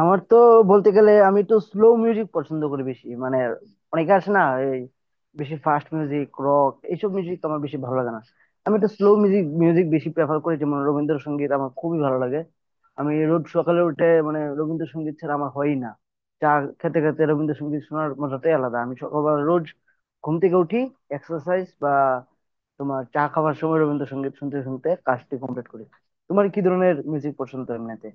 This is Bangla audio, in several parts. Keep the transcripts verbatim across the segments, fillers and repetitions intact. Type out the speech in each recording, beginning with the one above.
আমার তো বলতে গেলে আমি একটু স্লো মিউজিক পছন্দ করি বেশি মানে অনেকে আছে না এই বেশি ফাস্ট মিউজিক রক এইসব মিউজিক আমার বেশি ভালো লাগে না। আমি একটু স্লো মিউজিক মিউজিক বেশি প্রেফার করি যেমন রবীন্দ্রসঙ্গীত আমার খুবই ভালো লাগে। আমি রোজ সকালে উঠে মানে রবীন্দ্রসঙ্গীত ছাড়া আমার হয়ই না। চা খেতে খেতে রবীন্দ্রসঙ্গীত শোনার মজাটাই আলাদা। আমি সকালবেলা রোজ ঘুম থেকে উঠি এক্সারসাইজ বা তোমার চা খাওয়ার সময় রবীন্দ্রসঙ্গীত শুনতে শুনতে কাজটি কমপ্লিট করি। তোমার কি ধরনের মিউজিক পছন্দ এমনিতে?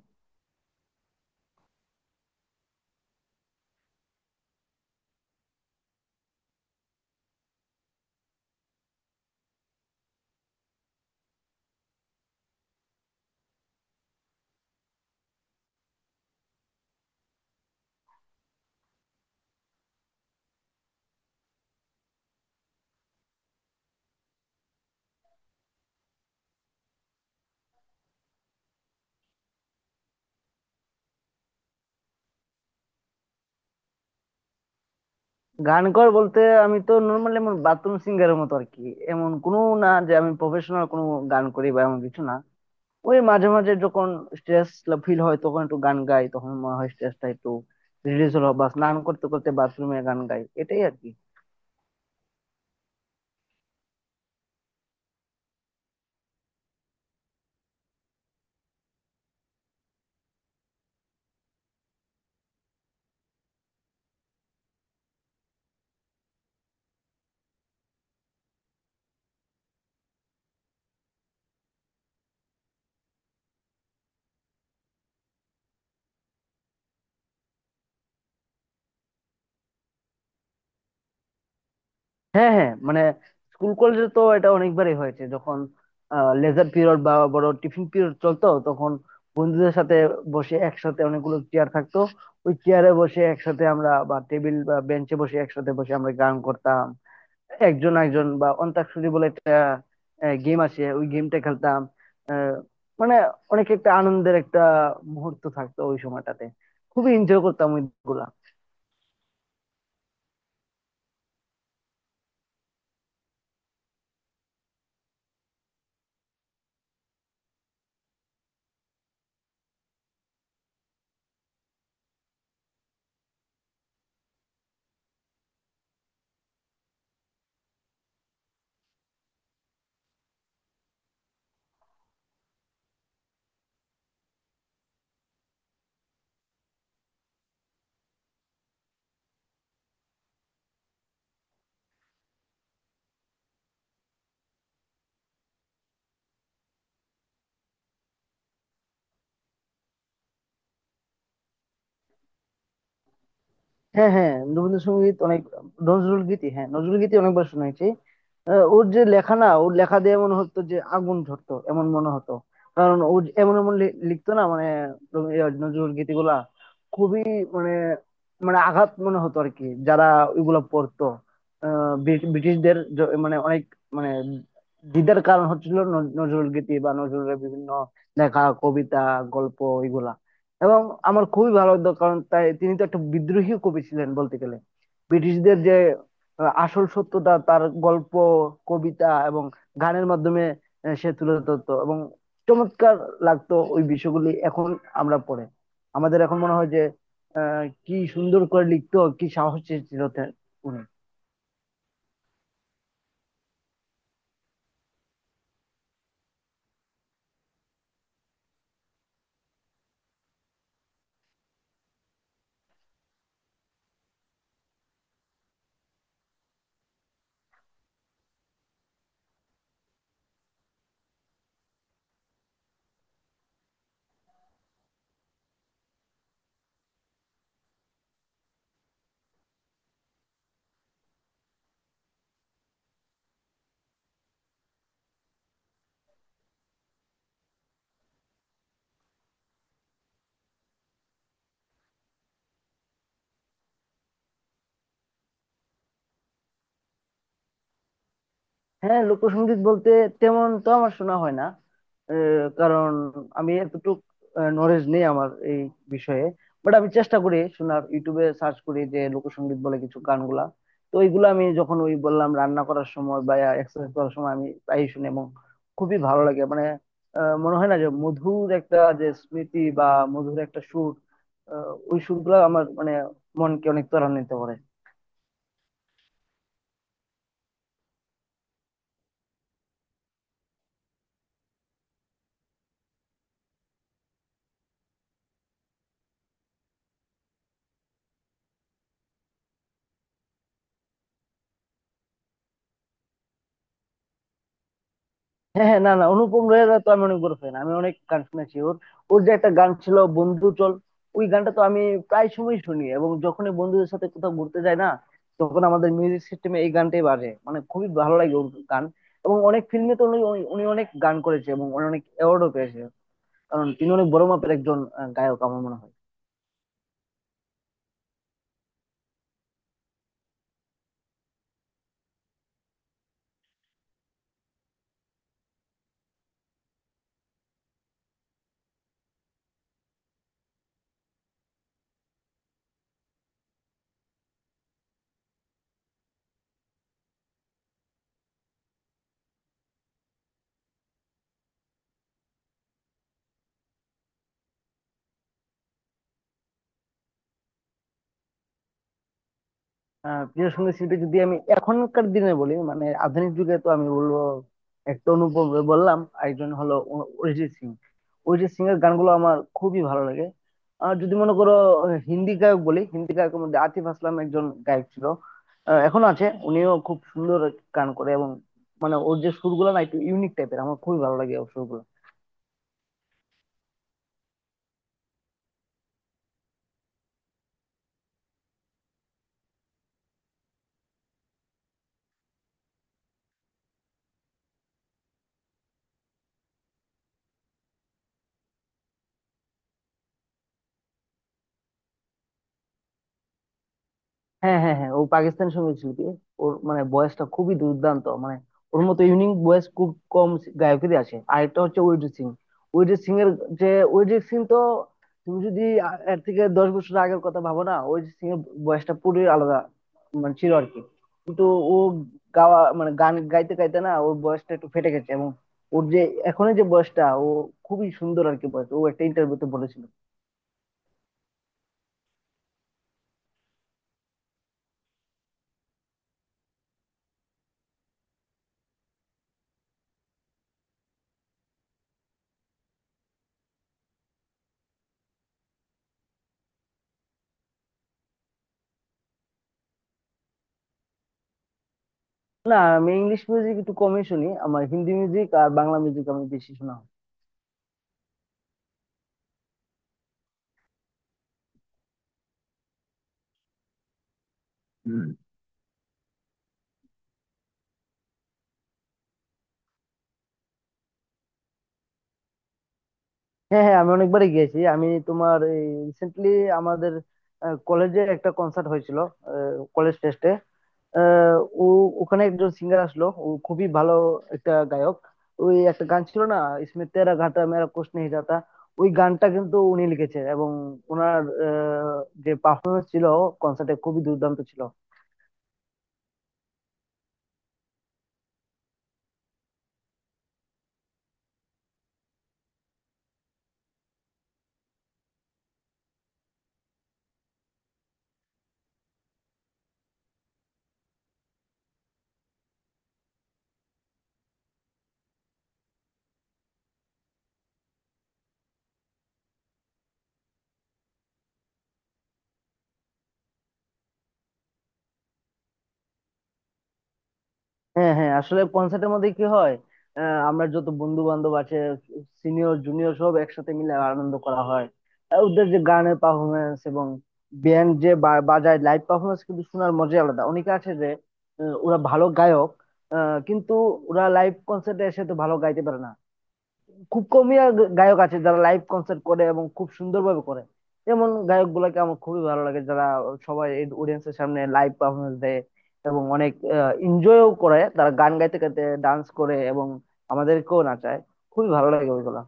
গান কর বলতে আমি তো নর্মালি এমন বাথরুম সিঙ্গারের মতো আর কি। এমন কোনো না যে আমি প্রফেশনাল কোনো গান করি বা এমন কিছু না। ওই মাঝে মাঝে যখন স্ট্রেস ফিল হয় তখন একটু গান গাই, তখন মনে হয় স্ট্রেসটা একটু রিলিজ হলো, বা স্নান করতে করতে বাথরুমে গান গাই এটাই আর কি। হ্যাঁ হ্যাঁ মানে স্কুল কলেজে তো এটা অনেকবারই হয়েছে, যখন লেজার পিরিয়ড বা বড় টিফিন পিরিয়ড চলতো তখন বন্ধুদের সাথে বসে একসাথে অনেকগুলো চেয়ার থাকতো। ওই চেয়ারে বসে একসাথে আমরা বা টেবিল বা বেঞ্চে বসে একসাথে বসে আমরা গান করতাম। একজন একজন বা অন্তাক্ষরী বলে একটা গেম আছে, ওই গেমটা খেলতাম। মানে অনেক একটা আনন্দের একটা মুহূর্ত থাকতো ওই সময়টাতে। খুবই এনজয় করতাম ওইগুলা। হ্যাঁ হ্যাঁ রবীন্দ্রসঙ্গীত অনেক। নজরুল গীতি, হ্যাঁ নজরুল গীতি অনেকবার শুনেছি। আহ, ওর যে লেখা না ওর লেখা দিয়ে মনে হতো যে আগুন ঝরতো, এমন মনে হতো। কারণ ও যে এমন এমন লি- লিখতো না মানে রবি- আহ, নজরুল গীতি গুলা খুবই, মানে মানে আঘাত মনে হতো আর কি যারা ওইগুলা পড়তো। আহ ব্রিট- ব্রিটিশদের জ- মানে অনেক মানে দ্বিধার কারণ হচ্ছিল ন- নজরুল গীতি বা নজরুলের বিভিন্ন লেখা, কবিতা, গল্প এগুলা। এবং আমার খুবই ভালো লাগতো কারণ তাই তিনি তো একটা বিদ্রোহী কবি ছিলেন বলতে গেলে। ব্রিটিশদের যে আহ, আসল সত্যটা তার গল্প, কবিতা এবং গানের মাধ্যমে আহ, সে তুলে ধরতো এবং চমৎকার লাগতো ওই বিষয়গুলি। এখন আমরা পড়ে আমাদের এখন মনে হয় যে আহ, কি সুন্দর করে লিখতো, কি সাহস ছিল তে- উনি। হ্যাঁ লোকসঙ্গীত বলতে তেমন তো আমার শোনা হয় না। আহ, কারণ আমি এতটুক নলেজ নেই আমার এই বিষয়ে। বাট আমি চেষ্টা করি শোনার, ইউটিউবে সার্চ করি যে লোকসঙ্গীত বলে কিছু গানগুলা। তো এইগুলো আমি যখন ওই বললাম রান্না করার সময় বা এক্সারসাইজ করার সময় আমি প্রায়ই শুনি এবং খুবই ভালো লাগে মানে আহ, মনে হয় না যে মধুর একটা যে স্মৃতি বা মধুর একটা সুর। আহ, ওই সুরগুলো আমার মানে মনকে অনেক ত্বরান্বিত করে। হ্যাঁ হ্যাঁ, না না, অনুপম রয়ের তো আমি অনেক বড় ফ্যান, আমি অনেক গান শুনেছি ওর। ওর যে একটা গান ছিল বন্ধু চল, ওই গানটা তো আমি প্রায় সময় শুনি এবং যখনই বন্ধুদের সাথে কোথাও ঘুরতে যাই না তখন আমাদের মিউজিক সিস্টেমে এই গানটাই বাজে, মানে খুবই ভালো লাগে ওর গান। এবং অনেক ফিল্মে তো উনি উনি অনেক গান করেছে এবং উনি অনেক অ্যাওয়ার্ডও পেয়েছে। কারণ তিনি অনেক বড় মাপের একজন আহ, গায়ক আমার মনে হয়। আহ প্রিয় সঙ্গীত শিল্পী যদি আমি এখনকার দিনে বলি মানে আধুনিক যুগে তো আমি বলবো একটা অনুপম রয় বললাম, আরেকজন হলো অ- অরিজিৎ সিং। অরিজিৎ সিং এর গানগুলো আমার খুবই ভালো লাগে। আর যদি মনে করো আহ, হিন্দি গায়ক বলি, হিন্দি গায়কের মধ্যে আতিফ আসলাম একজন গায়ক ছিল, আহ, এখনো আছে। উনিও খুব সুন্দর গান করে এবং মানে ওর যে সুরগুলো না একটু ইউনিক টাইপের, আমার খুবই ভালো লাগে ওর সুরগুলো। হ্যাঁ হ্যাঁ হ্যাঁ ও পাকিস্তানি সঙ্গীত শিল্পী। ওর মানে ভয়েসটা খুবই দুর্দান্ত, মানে ওর মতো ইউনিক ভয়েস খুব কম গায়কেরই আছে। আরেকটা হচ্ছে অরিজিৎ সিং। অরিজিৎ সিং এর যে অরিজিৎ সিং তো তুমি যদি আ- এর থেকে দশ বছর আগের কথা ভাবো না, অরিজিৎ সিং এর ভয়েসটা পুরো আলাদা মানে ছিল আর কি। কিন্তু ও গাওয়া মানে গান গাইতে গাইতে না ওর ভয়েসটা একটু ফেটে গেছে, এবং ওর যে এখনের যে ভয়েসটা ও খুবই সুন্দর আর কি ভয়েস, ও একটা ইন্টারভিউতে বলেছিল। না আমি ইংলিশ মিউজিক একটু কমই শুনি, আমার হিন্দি মিউজিক আর বাংলা মিউজিক আমি বেশি শোনা হয়। হুম। হ্যাঁ হ্যাঁ আমি অনেকবারই গিয়েছি। আমি তোমার, রিসেন্টলি আমাদের কলেজে একটা কনসার্ট হয়েছিল কলেজ ফেস্টে। ও ওখানে একজন সিঙ্গার আসলো, ও খুবই ভালো একটা গায়ক। ওই একটা গান ছিল না ইসমে তেরা ঘাটা মেরা কুছ নেহি জাতা, ওই গানটা কিন্তু উনি লিখেছেন এবং ওনার আহ, যে পারফরমেন্স ছিল কনসার্টে খুবই দুর্দান্ত ছিল। হ্যাঁ হ্যাঁ আসলে কনসার্টের মধ্যে কি হয়, আহ, আমরা যত বন্ধু বান্ধব আছে সিনিয়র জুনিয়র সব একসাথে মিলে আনন্দ করা হয়। আর ওদের যে গানের পারফরমেন্স এবং ব্যান্ড যে বা- বাজায় লাইভ পারফরমেন্স কিন্তু শোনার মজাই আলাদা। অনেকে আছে যে আহ, ওরা ভালো গায়ক আহ, কিন্তু ওরা লাইভ কনসার্টে এসে তো ভালো গাইতে পারে না। খুব কমই আর গায়ক আছে যারা লাইভ কনসার্ট করে এবং খুব সুন্দরভাবে করে। এমন গায়ক গুলাকে আমার খুবই ভালো লাগে যারা সবাই অডিয়েন্স এর সামনে লাইভ পারফরমেন্স দেয় এবং অনেক এনজয়ও করে, তারা গান গাইতে গাইতে ডান্স করে এবং আমাদেরকেও নাচায়। খুবই ভালো লাগে ওইগুলা।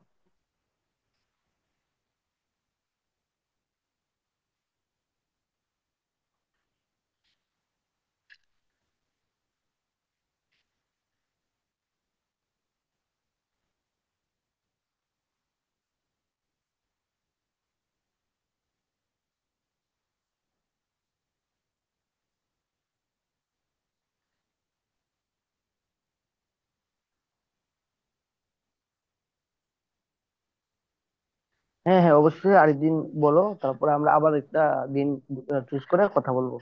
হ্যাঁ হ্যাঁ অবশ্যই আরেকদিন বলো, তারপরে আমরা আবার একটা দিন চুজ করে কথা বলবো।